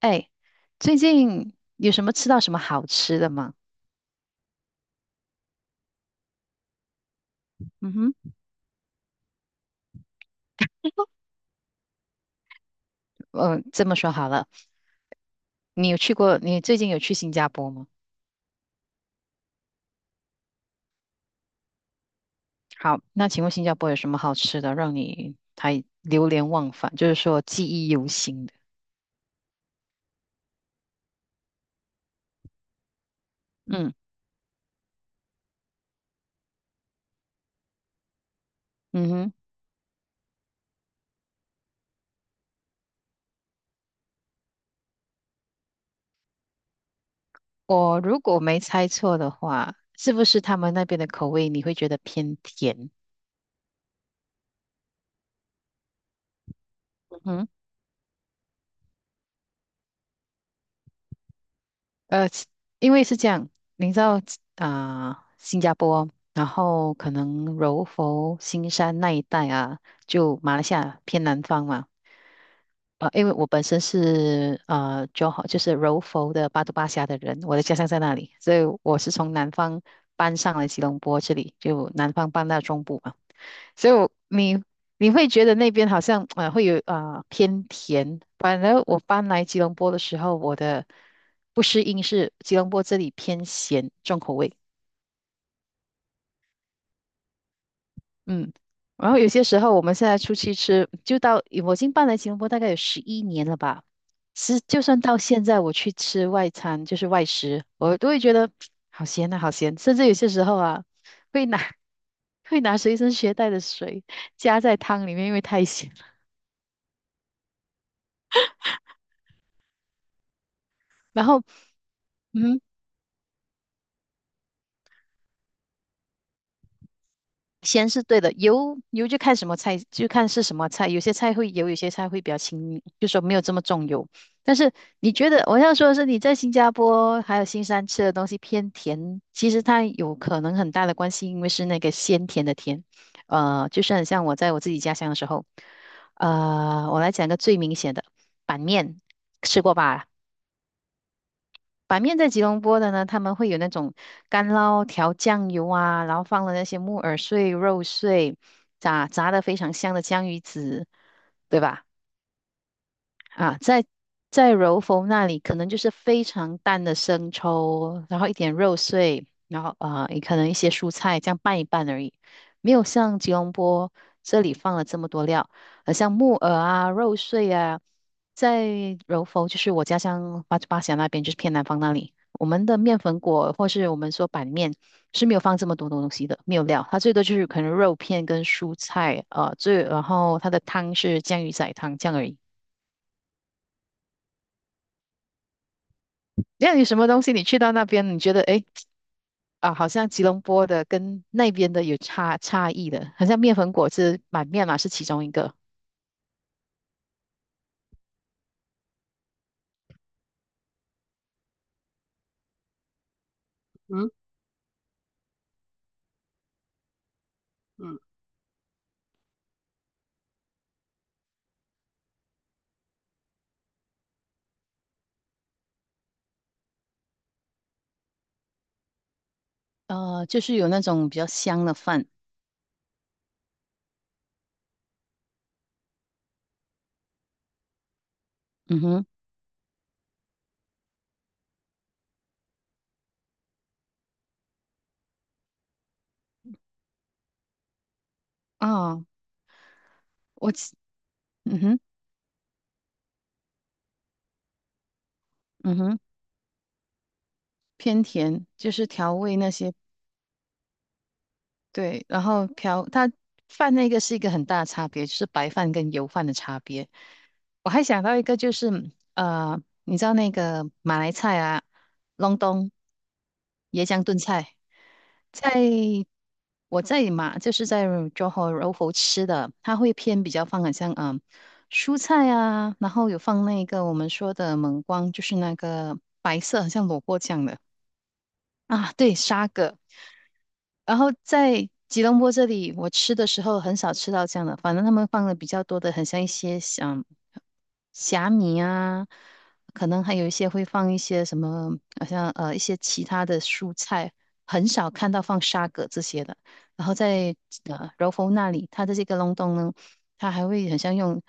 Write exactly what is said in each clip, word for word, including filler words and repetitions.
哎，最近有什么吃到什么好吃的吗？嗯哼。嗯，这么说好了。你有去过，你最近有去新加坡吗？好，那请问新加坡有什么好吃的，让你还流连忘返，就是说记忆犹新的？嗯，嗯哼。我如果没猜错的话，是不是他们那边的口味你会觉得偏甜？嗯哼。呃，其因为是这样，你知道啊、呃新加坡，然后可能柔佛、新山那一带啊，就马来西亚偏南方嘛。呃，因为我本身是呃就好就是柔佛的巴都巴辖的人，我的家乡在那里，所以我是从南方搬上来吉隆坡这里，就南方搬到中部嘛。所以我你你会觉得那边好像啊、呃会有啊、呃偏甜，反而我搬来吉隆坡的时候，我的不适应是吉隆坡这里偏咸重口味。嗯，然后有些时候我们现在出去吃，就到我已经搬来吉隆坡大概有十一年了吧，是就算到现在我去吃外餐就是外食，我都会觉得好咸啊好咸，甚至有些时候啊会拿 会拿随身携带的水加在汤里面，因为太咸了，然后。嗯，先是对的，油油就看什么菜，就看是什么菜。有些菜会油，有些菜会比较轻，就说没有这么重油。但是你觉得我要说的是，你在新加坡还有新山吃的东西偏甜，其实它有可能很大的关系，因为是那个鲜甜的甜。呃，就是很像我在我自己家乡的时候，呃，我来讲个最明显的板面，吃过吧？板面在吉隆坡的呢，他们会有那种干捞调酱油啊，然后放了那些木耳碎、肉碎，炸炸的非常香的江鱼子，对吧？啊，在在柔佛那里，可能就是非常淡的生抽，然后一点肉碎，然后啊、呃也可能一些蔬菜，这样拌一拌而已，没有像吉隆坡这里放了这么多料，呃，像木耳啊、肉碎啊。在柔佛就是我家乡巴巴峡那边，就是偏南方那里，我们的面粉果或是我们说板面是没有放这么多东西的，没有料，它最多就是可能肉片跟蔬菜，呃，最然后它的汤是酱鱼仔汤这样而已。那有什么东西你去到那边，你觉得诶，啊，好像吉隆坡的跟那边的有差差异的，好像面粉果汁买面嘛是其中一个。呃，就是有那种比较香的饭。嗯哼。啊、我其嗯哼，嗯哼，偏甜，就是调味那些。对，然后瓢它饭那个是一个很大的差别，就是白饭跟油饭的差别。我还想到一个，就是呃，你知道那个马来菜啊，隆冬椰浆炖菜。在我在马就是在 Johor r o 吃的，它会偏比较放很像嗯、呃蔬菜啊，然后有放那个我们说的蒙光，就是那个白色很像萝卜酱的。啊，对，沙葛。然后在吉隆坡这里，我吃的时候很少吃到这样的，反正他们放的比较多的，很像一些像虾米啊，可能还有一些会放一些什么，好像呃一些其他的蔬菜，很少看到放沙葛这些的。然后在呃柔佛那里，它的这个隆冬呢，它还会很像用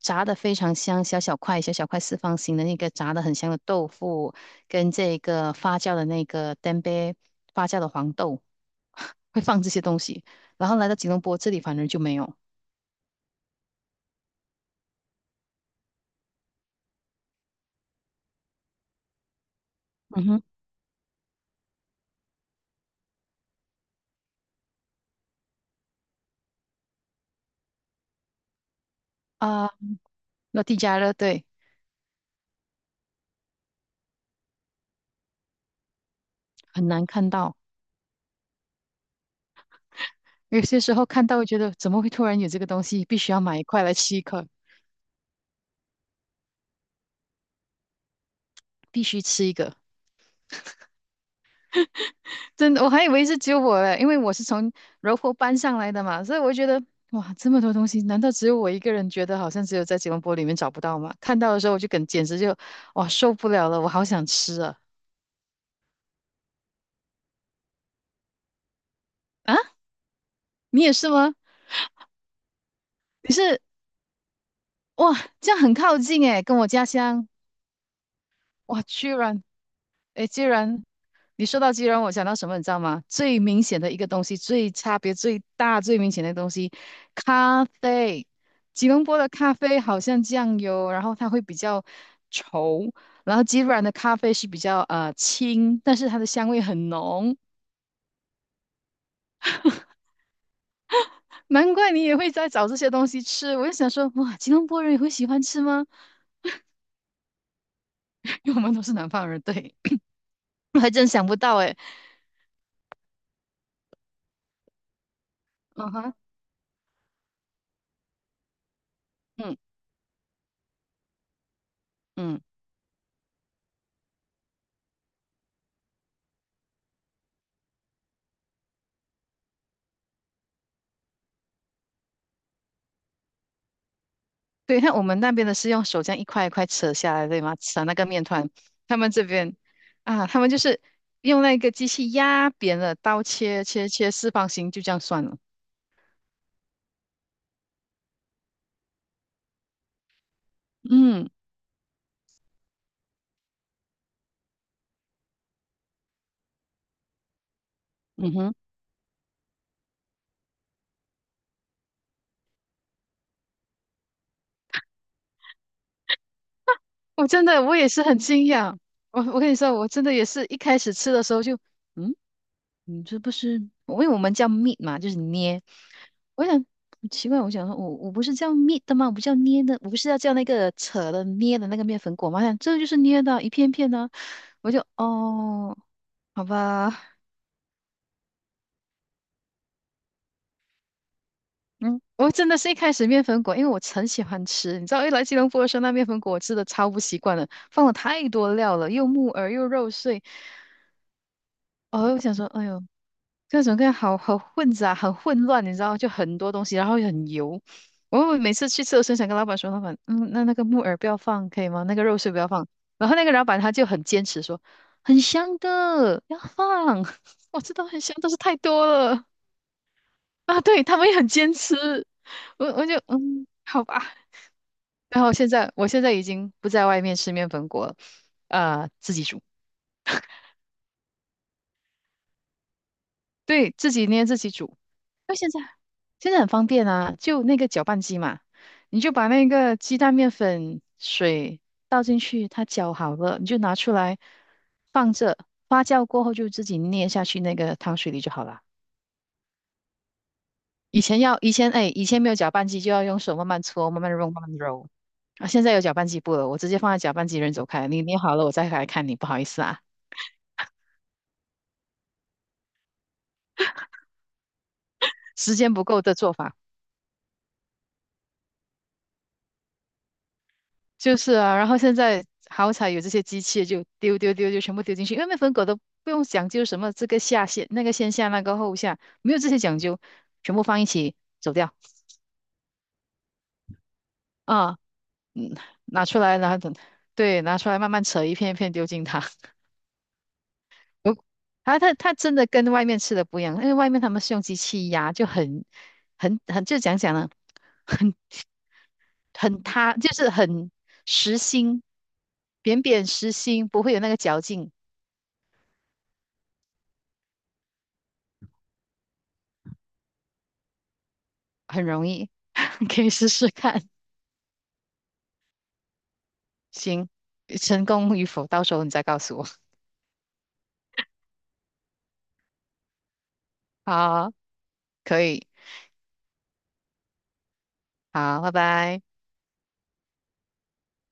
炸的非常香，小小块小小块四方形的那个炸的很香的豆腐，跟这个发酵的那个 t e m p e 发酵的黄豆。会放这些东西。然后来到吉隆坡这里，反而就没有。嗯哼。啊，那地加热，对，很难看到。有些时候看到会觉得怎么会突然有这个东西，必须要买一块来吃一块，必须吃一个。真的，我还以为是只有我嘞，因为我是从柔佛搬上来的嘛，所以我觉得哇，这么多东西，难道只有我一个人觉得好像只有在吉隆坡里面找不到吗？看到的时候我就跟简直就哇受不了了，我好想吃啊啊！你也是吗？你是哇，这样很靠近诶，跟我家乡。哇，居然。诶，居然。你说到居然，我想到什么，你知道吗？最明显的一个东西，最差别最大、最明显的东西，咖啡。吉隆坡的咖啡好像酱油，然后它会比较稠，然后吉软的咖啡是比较呃轻，但是它的香味很浓。难怪你也会在找这些东西吃，我就想说，哇，吉隆坡人也会喜欢吃吗？因为我们都是南方人，对。还真想不到诶。嗯哼。嗯，嗯，对，看我们那边的是用手这样一块一块扯下来，对吗？扯那个面团。他们这边啊，他们就是用那个机器压扁了，刀切切切四方形，就这样算了。嗯。嗯哼。我真的我也是很惊讶。我我跟你说，我真的也是一开始吃的时候就，嗯，你这不是，因为我们叫 meet 嘛，就是捏。我想奇怪，我想说，我我不是叫 meet 的吗？我不叫捏的，我不是要叫那个扯的捏的那个面粉果吗？我想这就是捏的啊一片片的啊。我就哦，好吧。嗯，我真的是一开始面粉果，因为我很喜欢吃，你知道，一来吉隆坡的时候，那面粉果我吃的超不习惯的，放了太多料了，又木耳又肉碎。哦，我想说，哎呦。各种各样好好混杂，很混乱，你知道，就很多东西，然后又很油。我每次去吃，我很想跟老板说，老板，嗯，那那个木耳不要放，可以吗？那个肉碎不要放。然后那个老板他就很坚持说，很香的，要放。我知道很香，但是太多了啊。对，他们也很坚持，我我就嗯，好吧。然后现在我现在已经不在外面吃面粉果了，呃，自己煮。对，自己捏自己煮。那现在现在很方便啊，就那个搅拌机嘛，你就把那个鸡蛋、面粉、水倒进去，它搅好了，你就拿出来放着，发酵过后就自己捏下去那个汤水里就好了。以前要以前哎，以前没有搅拌机就要用手慢慢搓、慢慢揉、慢慢揉。啊，现在有搅拌机不了，我直接放在搅拌机人走开，你捏好了我再来看你，不好意思啊，时间不够的做法。就是啊，然后现在好彩有这些机器，就丢丢丢就全部丢进去，因为面粉狗都不用讲究什么这个下线、那个先下、那个后下，没有这些讲究，全部放一起走掉。啊，嗯，拿出来，然后等，对，拿出来慢慢扯一片一片丢进它。我它它它真的跟外面吃的不一样，因为外面他们是用机器压，就很很很就讲讲呢，很很塌，就是很实心，扁扁实心，不会有那个嚼劲。很容易。你可以试试看。行，成功与否，到时候你再告诉我。好，可以。好，拜拜。